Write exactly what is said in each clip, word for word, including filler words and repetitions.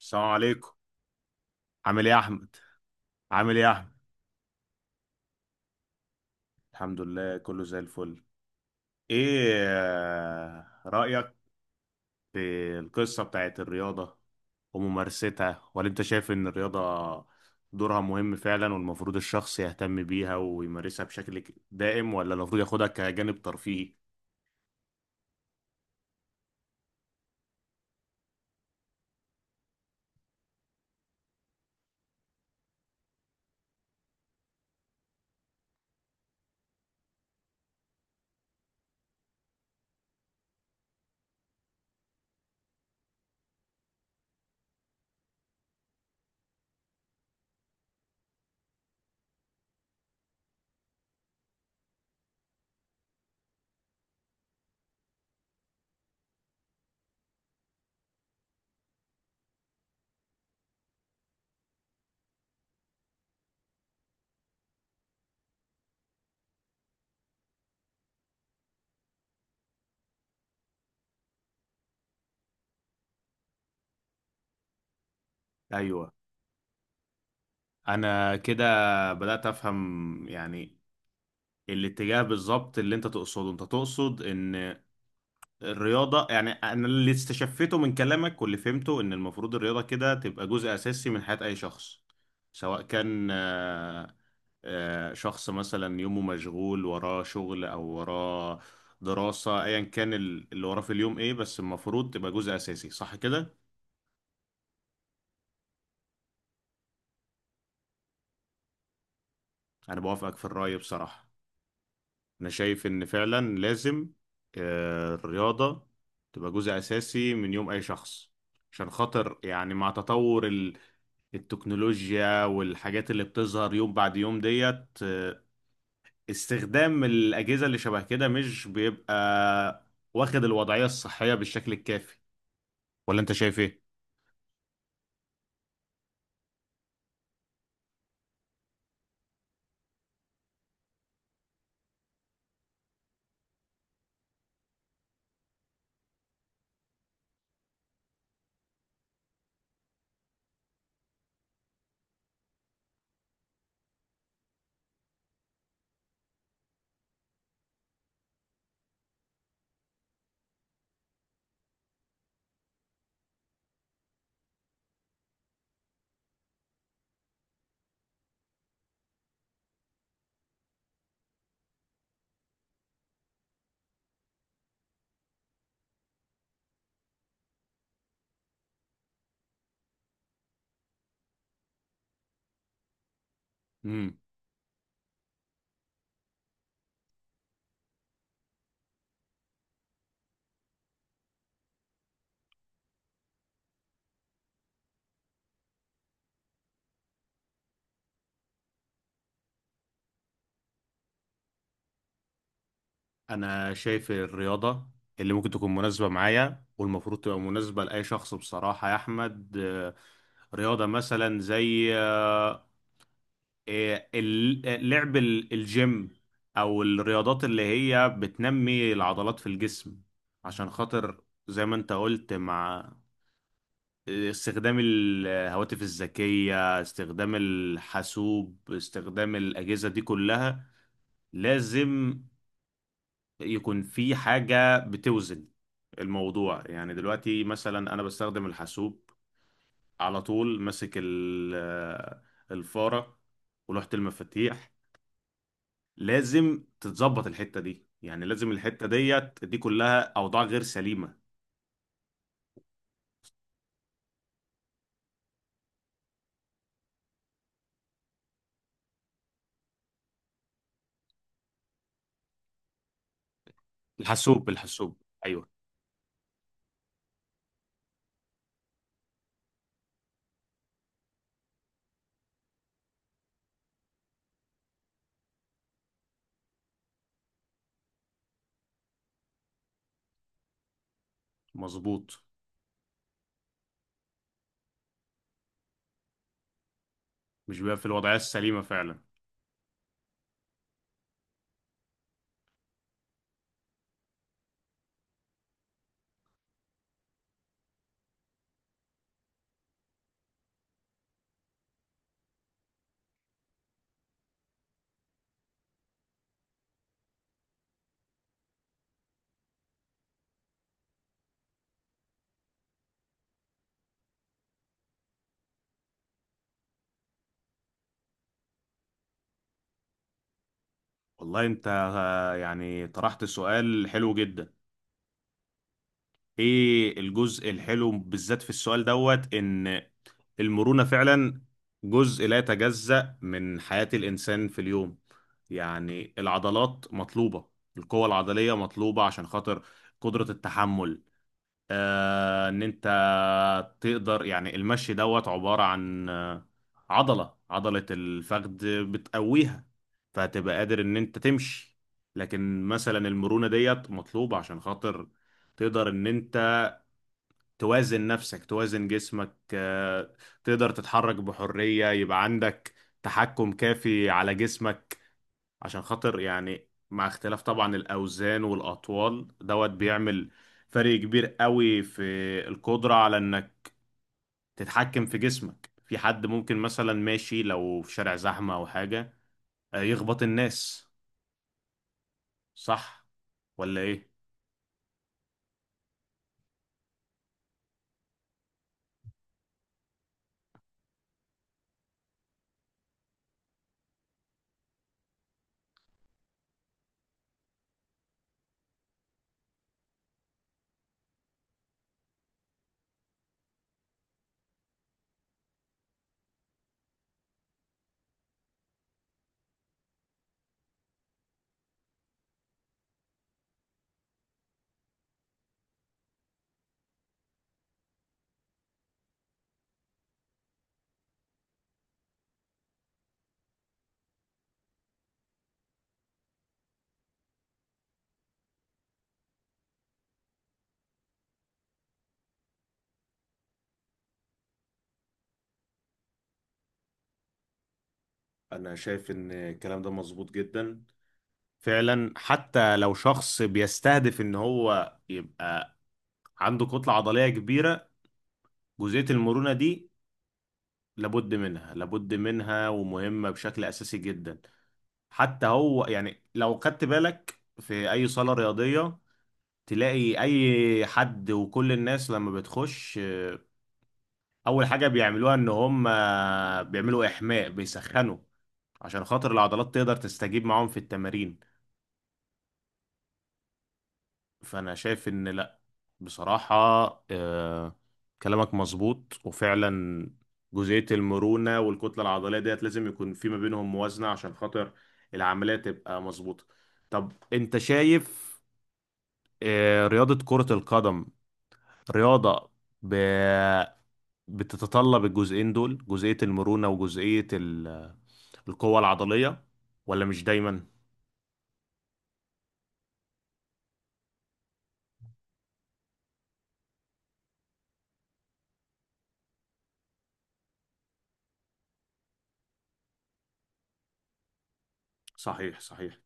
السلام عليكم. عامل ايه يا احمد؟ عامل ايه يا احمد؟ الحمد لله كله زي الفل. ايه آه، رأيك في القصة بتاعت الرياضة وممارستها، ولا انت شايف ان الرياضة دورها مهم فعلا والمفروض الشخص يهتم بيها ويمارسها بشكل ك- دائم، ولا المفروض ياخدها كجانب ترفيهي؟ ايوه. انا كده بدأت افهم يعني الاتجاه بالظبط اللي انت تقصده. انت تقصد ان الرياضة، يعني أنا اللي استشفيته من كلامك واللي فهمته، إن المفروض الرياضة كده تبقى جزء أساسي من حياة أي شخص، سواء كان آه، آه، شخص مثلا يومه مشغول وراه شغل أو وراه دراسة، أيا كان ال- اللي وراه في اليوم إيه، بس المفروض تبقى جزء أساسي، صح كده؟ أنا بوافقك في الرأي بصراحة. أنا شايف إن فعلا لازم آه، الرياضة تبقى جزء أساسي من يوم أي شخص، عشان خاطر يعني مع تطور التكنولوجيا والحاجات اللي بتظهر يوم بعد يوم ديت، آه، استخدام الأجهزة اللي شبه كده مش بيبقى واخد الوضعية الصحية بالشكل الكافي، ولا أنت شايف إيه؟ مم. أنا شايف الرياضة اللي ممكن تكون مناسبة معايا والمفروض تبقى مناسبة لأي شخص بصراحة يا أحمد، آه، رياضة مثلا زي آه، آه، ال- آه، لعب ال- الجيم، او الرياضات اللي هي بتنمي العضلات في الجسم، عشان خاطر زي ما انت قلت، مع آه، استخدام الهواتف الذكية، استخدام الحاسوب، استخدام الأجهزة دي كلها، لازم يكون في حاجة بتوزن الموضوع. يعني دلوقتي مثلا أنا بستخدم الحاسوب على طول ماسك ال- آه، الفارة ولوحة المفاتيح. لازم تتظبط الحتة دي، يعني لازم الحتة ديت، دي كلها أوضاع غير سليمة. الحاسوب، الحاسوب أيوه. مظبوط. مش بيبقى في الوضعية السليمة فعلا. والله أنت آه، يعني طرحت سؤال حلو جدا. إيه الجزء الحلو بالذات في السؤال دوت؟ إن المرونة فعلا جزء لا يتجزأ من حياة الإنسان في اليوم. يعني العضلات مطلوبة، القوة العضلية مطلوبة، عشان خاطر قدرة التحمل، آه، ان انت تقدر، يعني المشي دوت عبارة عن آه، عضلة عضلة الفخذ بتقويها، فهتبقى قادر ان انت تمشي. لكن مثلا المرونة ديت مطلوبة عشان خاطر تقدر ان انت توازن نفسك، توازن جسمك، آه، تقدر تتحرك بحرية، يبقى عندك تحكم كافي على جسمك، عشان خاطر يعني مع اختلاف طبعا الأوزان والأطوال دوت، بيعمل فرق كبير قوي في القدرة على إنك تتحكم في جسمك. في حد ممكن مثلا ماشي، لو في شارع زحمة أو حاجة، آه، يخبط الناس. صح ولا إيه؟ أنا شايف إن الكلام ده مظبوط جدا فعلا. حتى لو شخص بيستهدف إن هو يبقى عنده كتلة عضلية كبيرة، جزئية المرونة دي لابد منها، لابد منها، ومهمة بشكل أساسي جدا. حتى هو يعني لو خدت بالك في اي صالة رياضية، تلاقي اي حد وكل الناس لما بتخش، اول حاجة بيعملوها ان هم بيعملوا احماء، بيسخنوا، عشان خاطر العضلات تقدر تستجيب معاهم في التمارين. فانا شايف ان لا، بصراحة، آه، كلامك مظبوط، وفعلا جزئية المرونة والكتلة العضلية ديت لازم يكون في ما بينهم موازنة عشان خاطر العملية تبقى مظبوطة. طب انت شايف آه، رياضة كرة القدم، رياضة ب... بتتطلب الجزئين دول، جزئية المرونة وجزئية ال... القوة العضلية، ولا مش دايما؟ صحيح، صحيح.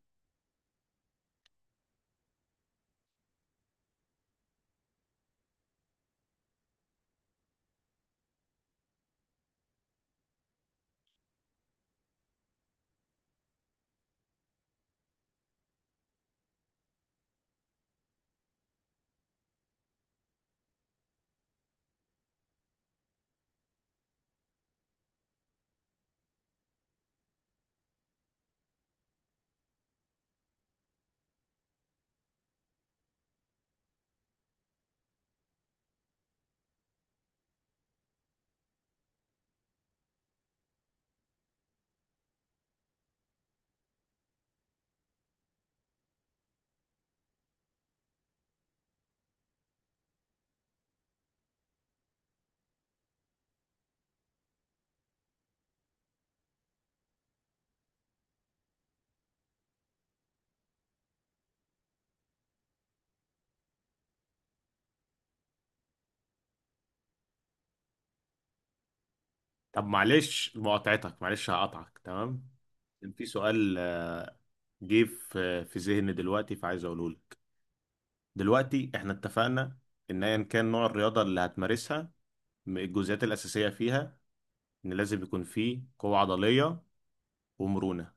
طب معلش مقاطعتك، معلش هقطعك، تمام؟ كان في سؤال آه، جه في في ذهني دلوقتي فعايز اقوله لك. دلوقتي احنا اتفقنا ان ايا كان نوع الرياضة اللي هتمارسها، م- الجزئيات الأساسية فيها ان لازم يكون فيه قوة عضلية ومرونة،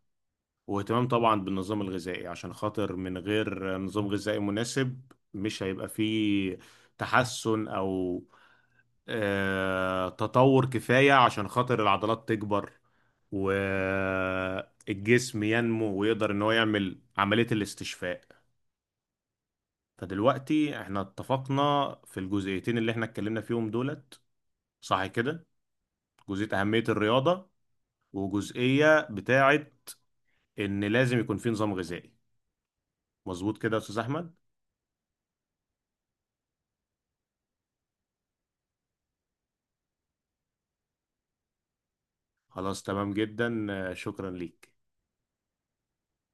واهتمام طبعا بالنظام الغذائي، عشان خاطر من غير نظام غذائي مناسب مش هيبقى فيه تحسن او آه، تطور كفاية عشان خاطر العضلات تكبر والجسم ينمو ويقدر ان هو يعمل عملية الاستشفاء. فدلوقتي احنا اتفقنا في الجزئيتين اللي احنا اتكلمنا فيهم دولت، صح كده؟ جزئية أهمية الرياضة، وجزئية بتاعة ان لازم يكون في نظام غذائي، مظبوط كده يا استاذ احمد؟ خلاص، تمام جدا. آه، شكرا ليك.